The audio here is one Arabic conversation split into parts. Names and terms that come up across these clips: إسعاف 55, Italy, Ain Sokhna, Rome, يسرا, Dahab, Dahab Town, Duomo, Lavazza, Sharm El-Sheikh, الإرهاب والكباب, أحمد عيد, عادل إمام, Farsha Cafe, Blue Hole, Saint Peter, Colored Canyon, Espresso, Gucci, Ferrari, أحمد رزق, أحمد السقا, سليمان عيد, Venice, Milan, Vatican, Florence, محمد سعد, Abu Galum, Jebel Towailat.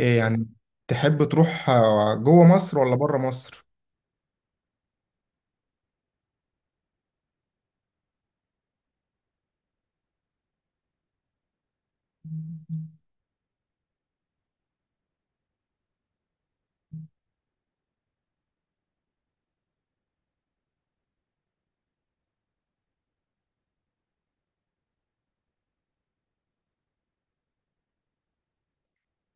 إيه يعني تحب تروح جوه مصر ولا بره مصر؟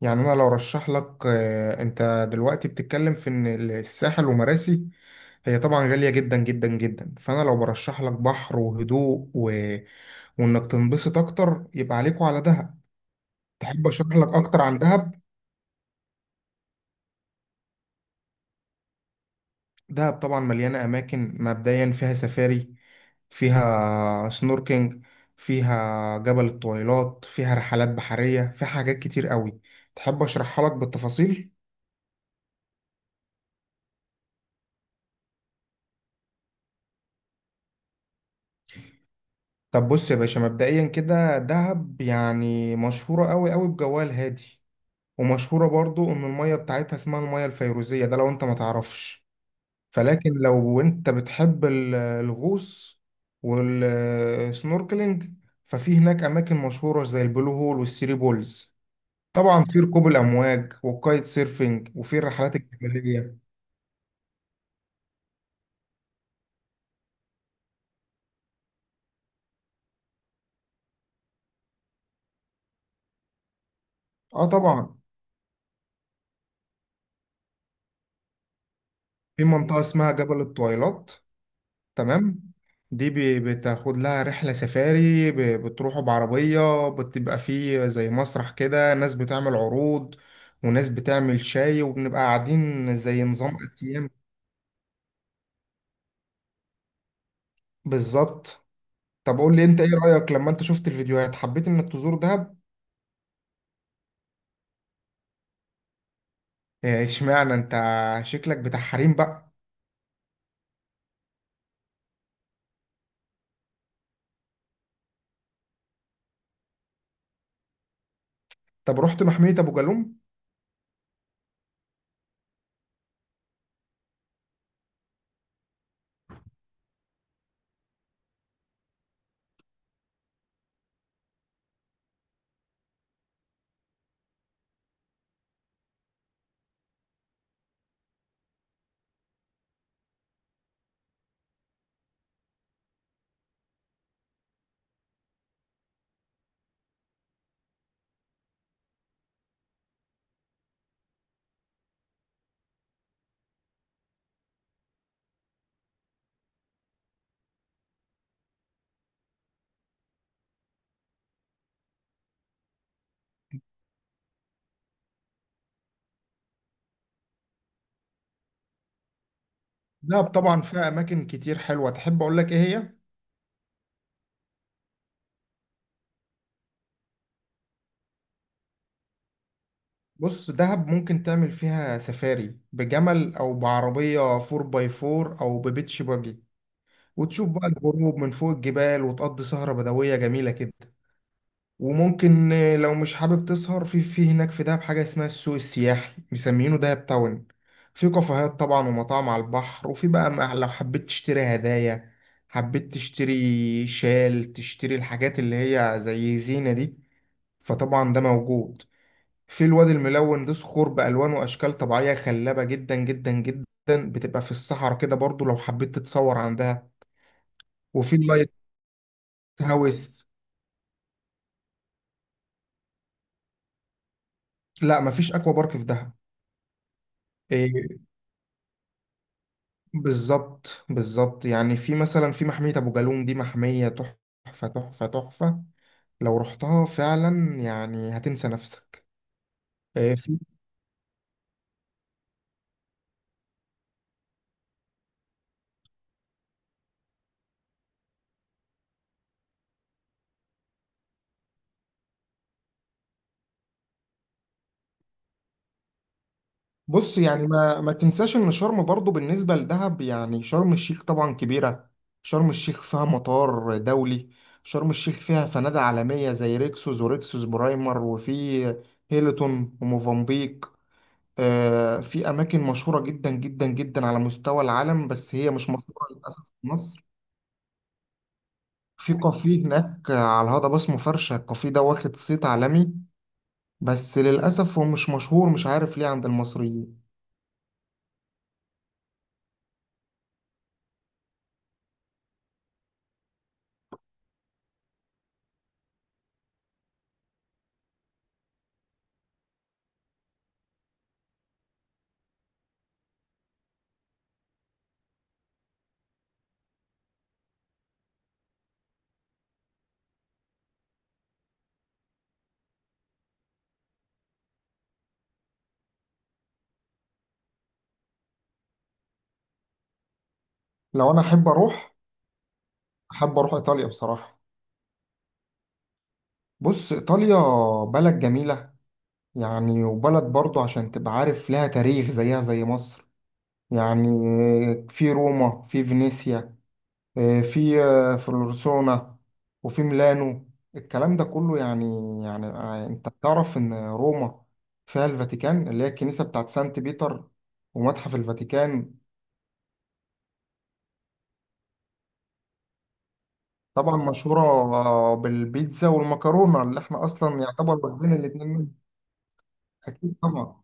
يعني انا لو رشح لك، انت دلوقتي بتتكلم في ان الساحل ومراسي. هي طبعا غالية جدا جدا جدا، فانا لو برشح لك بحر وهدوء وانك تنبسط اكتر، يبقى عليكوا على دهب. تحب اشرح لك اكتر عن دهب؟ دهب طبعا مليانة أماكن، مبدئيا فيها سفاري، فيها سنوركينج، فيها جبل الطويلات، فيها رحلات بحرية، فيها حاجات كتير قوي. تحب أشرحها لك بالتفاصيل؟ طب بص يا باشا، مبدئيا كده دهب يعني مشهورة قوي قوي بجوها الهادي، ومشهورة برضو إن المية بتاعتها اسمها المية الفيروزية، ده لو أنت ما تعرفش. فلكن لو انت بتحب الغوص والسنوركلينج، ففي هناك اماكن مشهوره زي البلو هول والثري بولز. طبعا في ركوب الامواج والكايت سيرفينج، وفي الرحلات الجبليه. اه طبعا، في منطقه اسمها جبل الطويلات. تمام، دي بتاخد لها رحله سفاري، بتروحوا بعربيه، بتبقى فيه زي مسرح كده، ناس بتعمل عروض وناس بتعمل شاي، وبنبقى قاعدين زي نظام ايام. بالظبط. طب قول لي انت ايه رأيك لما انت شفت الفيديوهات حبيت انك تزور دهب؟ اشمعنى انت؟ شكلك بتاع حريم بقى. طب رحت محمية ابو جالوم؟ دهب طبعا فيها اماكن كتير حلوة، تحب اقول لك ايه هي؟ بص، دهب ممكن تعمل فيها سفاري بجمل او بعربية 4 باي 4 او ببيتش باجي، وتشوف بقى الغروب من فوق الجبال، وتقضي سهرة بدوية جميلة كده. وممكن لو مش حابب تسهر في هناك في دهب، حاجة اسمها السوق السياحي مسمينه دهب تاون. في كافيهات طبعا ومطاعم على البحر، وفي بقى لو حبيت تشتري هدايا، حبيت تشتري شال، تشتري الحاجات اللي هي زي زينة دي، فطبعا ده موجود. في الوادي الملون، ده صخور بألوان وأشكال طبيعية خلابة جدا جدا جدا، بتبقى في الصحراء كده، برضو لو حبيت تتصور عندها. وفي اللايت هاوس. لا، مفيش أكوا بارك في دهب. إيه، بالظبط بالظبط. يعني في مثلا في محمية أبو جالوم، دي محمية تحفة تحفة تحفة، لو رحتها فعلا يعني هتنسى نفسك. آه، في بص يعني ما تنساش إن شرم برضو بالنسبة لدهب، يعني شرم الشيخ طبعا كبيرة. شرم الشيخ فيها مطار دولي، شرم الشيخ فيها فنادق عالمية زي ريكسوس وريكسوس برايمر، وفي هيلتون وموفنبيك. في أماكن مشهورة جدا جدا جدا على مستوى العالم، بس هي مش مشهورة للأسف في مصر. في كافيه هناك على الهضبة اسمه فرشة، الكافيه ده واخد صيت عالمي، بس للأسف هو مش مشهور، مش عارف ليه، عند المصريين. لو أنا أحب أروح، أحب أروح إيطاليا بصراحة. بص، إيطاليا بلد جميلة، يعني وبلد برضو عشان تبقى عارف لها تاريخ زيها زي مصر. يعني في روما، في فينيسيا، في فلورسونا، وفي ميلانو، الكلام ده كله. يعني يعني انت تعرف ان روما فيها الفاتيكان اللي هي الكنيسة بتاعت سانت بيتر، ومتحف الفاتيكان. طبعا مشهورة بالبيتزا والمكرونة، اللي احنا اصلا يعتبر واخدين الاتنين منهم. اكيد طبعا.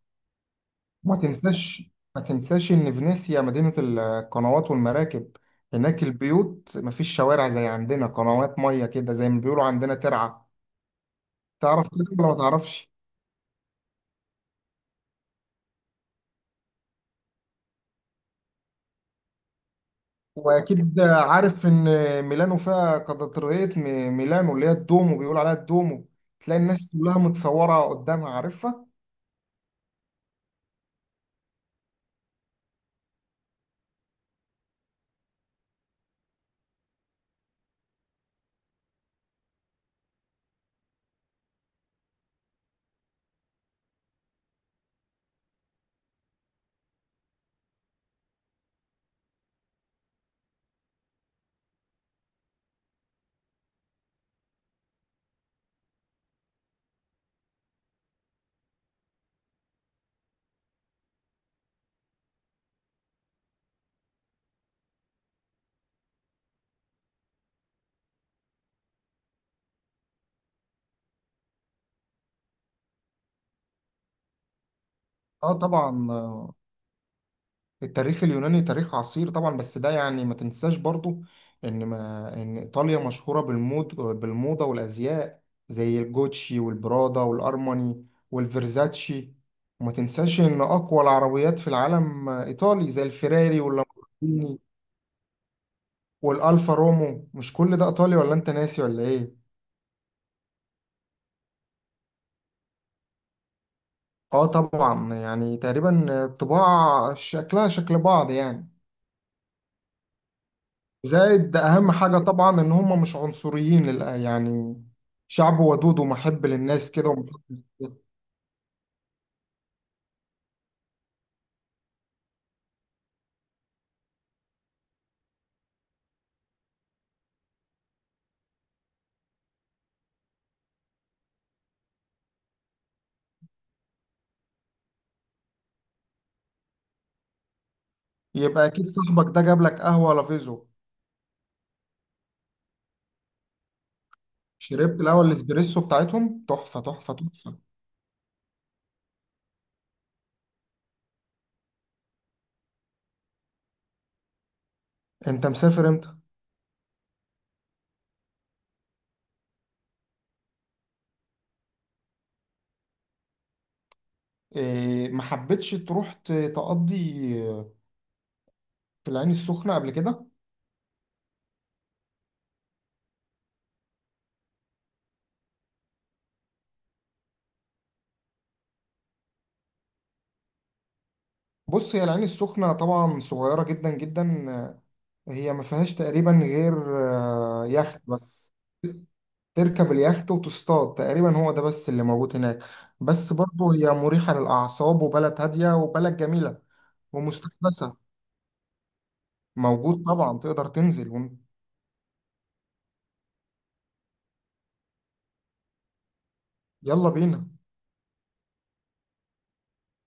ما تنساش ان فينيسيا مدينة القنوات والمراكب. هناك البيوت مفيش شوارع زي عندنا، قنوات مية كده زي ما بيقولوا عندنا ترعة، تعرف كده ولا ما تعرفش؟ واكيد عارف ان ميلانو فيها كاتدرائية ميلانو اللي هي الدومو، بيقول عليها الدومو. تلاقي الناس كلها متصورة قدامها، عارفها. اه طبعا. التاريخ اليوناني تاريخ عصير طبعا، بس ده يعني ما تنساش برضو ان ما ان ايطاليا مشهورة بالمود، بالموضة والازياء، زي الجوتشي والبرادا والارماني والفيرزاتشي. وما تنساش ان اقوى العربيات في العالم ايطالي، زي الفيراري واللامبورجيني والالفا رومو. مش كل ده ايطالي ولا انت ناسي ولا ايه؟ اه طبعا، يعني تقريبا طباع شكلها شكل بعض يعني. زائد ده اهم حاجة طبعا، ان هم مش عنصريين يعني شعب ودود ومحب للناس كده، ومحب. يبقى اكيد صاحبك ده جاب لك قهوة لافيزو. شربت القهوة الاسبريسو بتاعتهم تحفة تحفة تحفة. انت مسافر امتى؟ إيه، ما حبيتش تروح تقضي في العين السخنة قبل كده؟ بص، هي العين السخنة طبعا صغيرة جدا جدا، هي ما فيهاش تقريبا غير يخت بس. تركب اليخت وتصطاد، تقريبا هو ده بس اللي موجود هناك. بس برضه هي مريحة للأعصاب، وبلد هادية وبلد جميلة ومستحدثة. موجود طبعا، تقدر تنزل يلا بينا.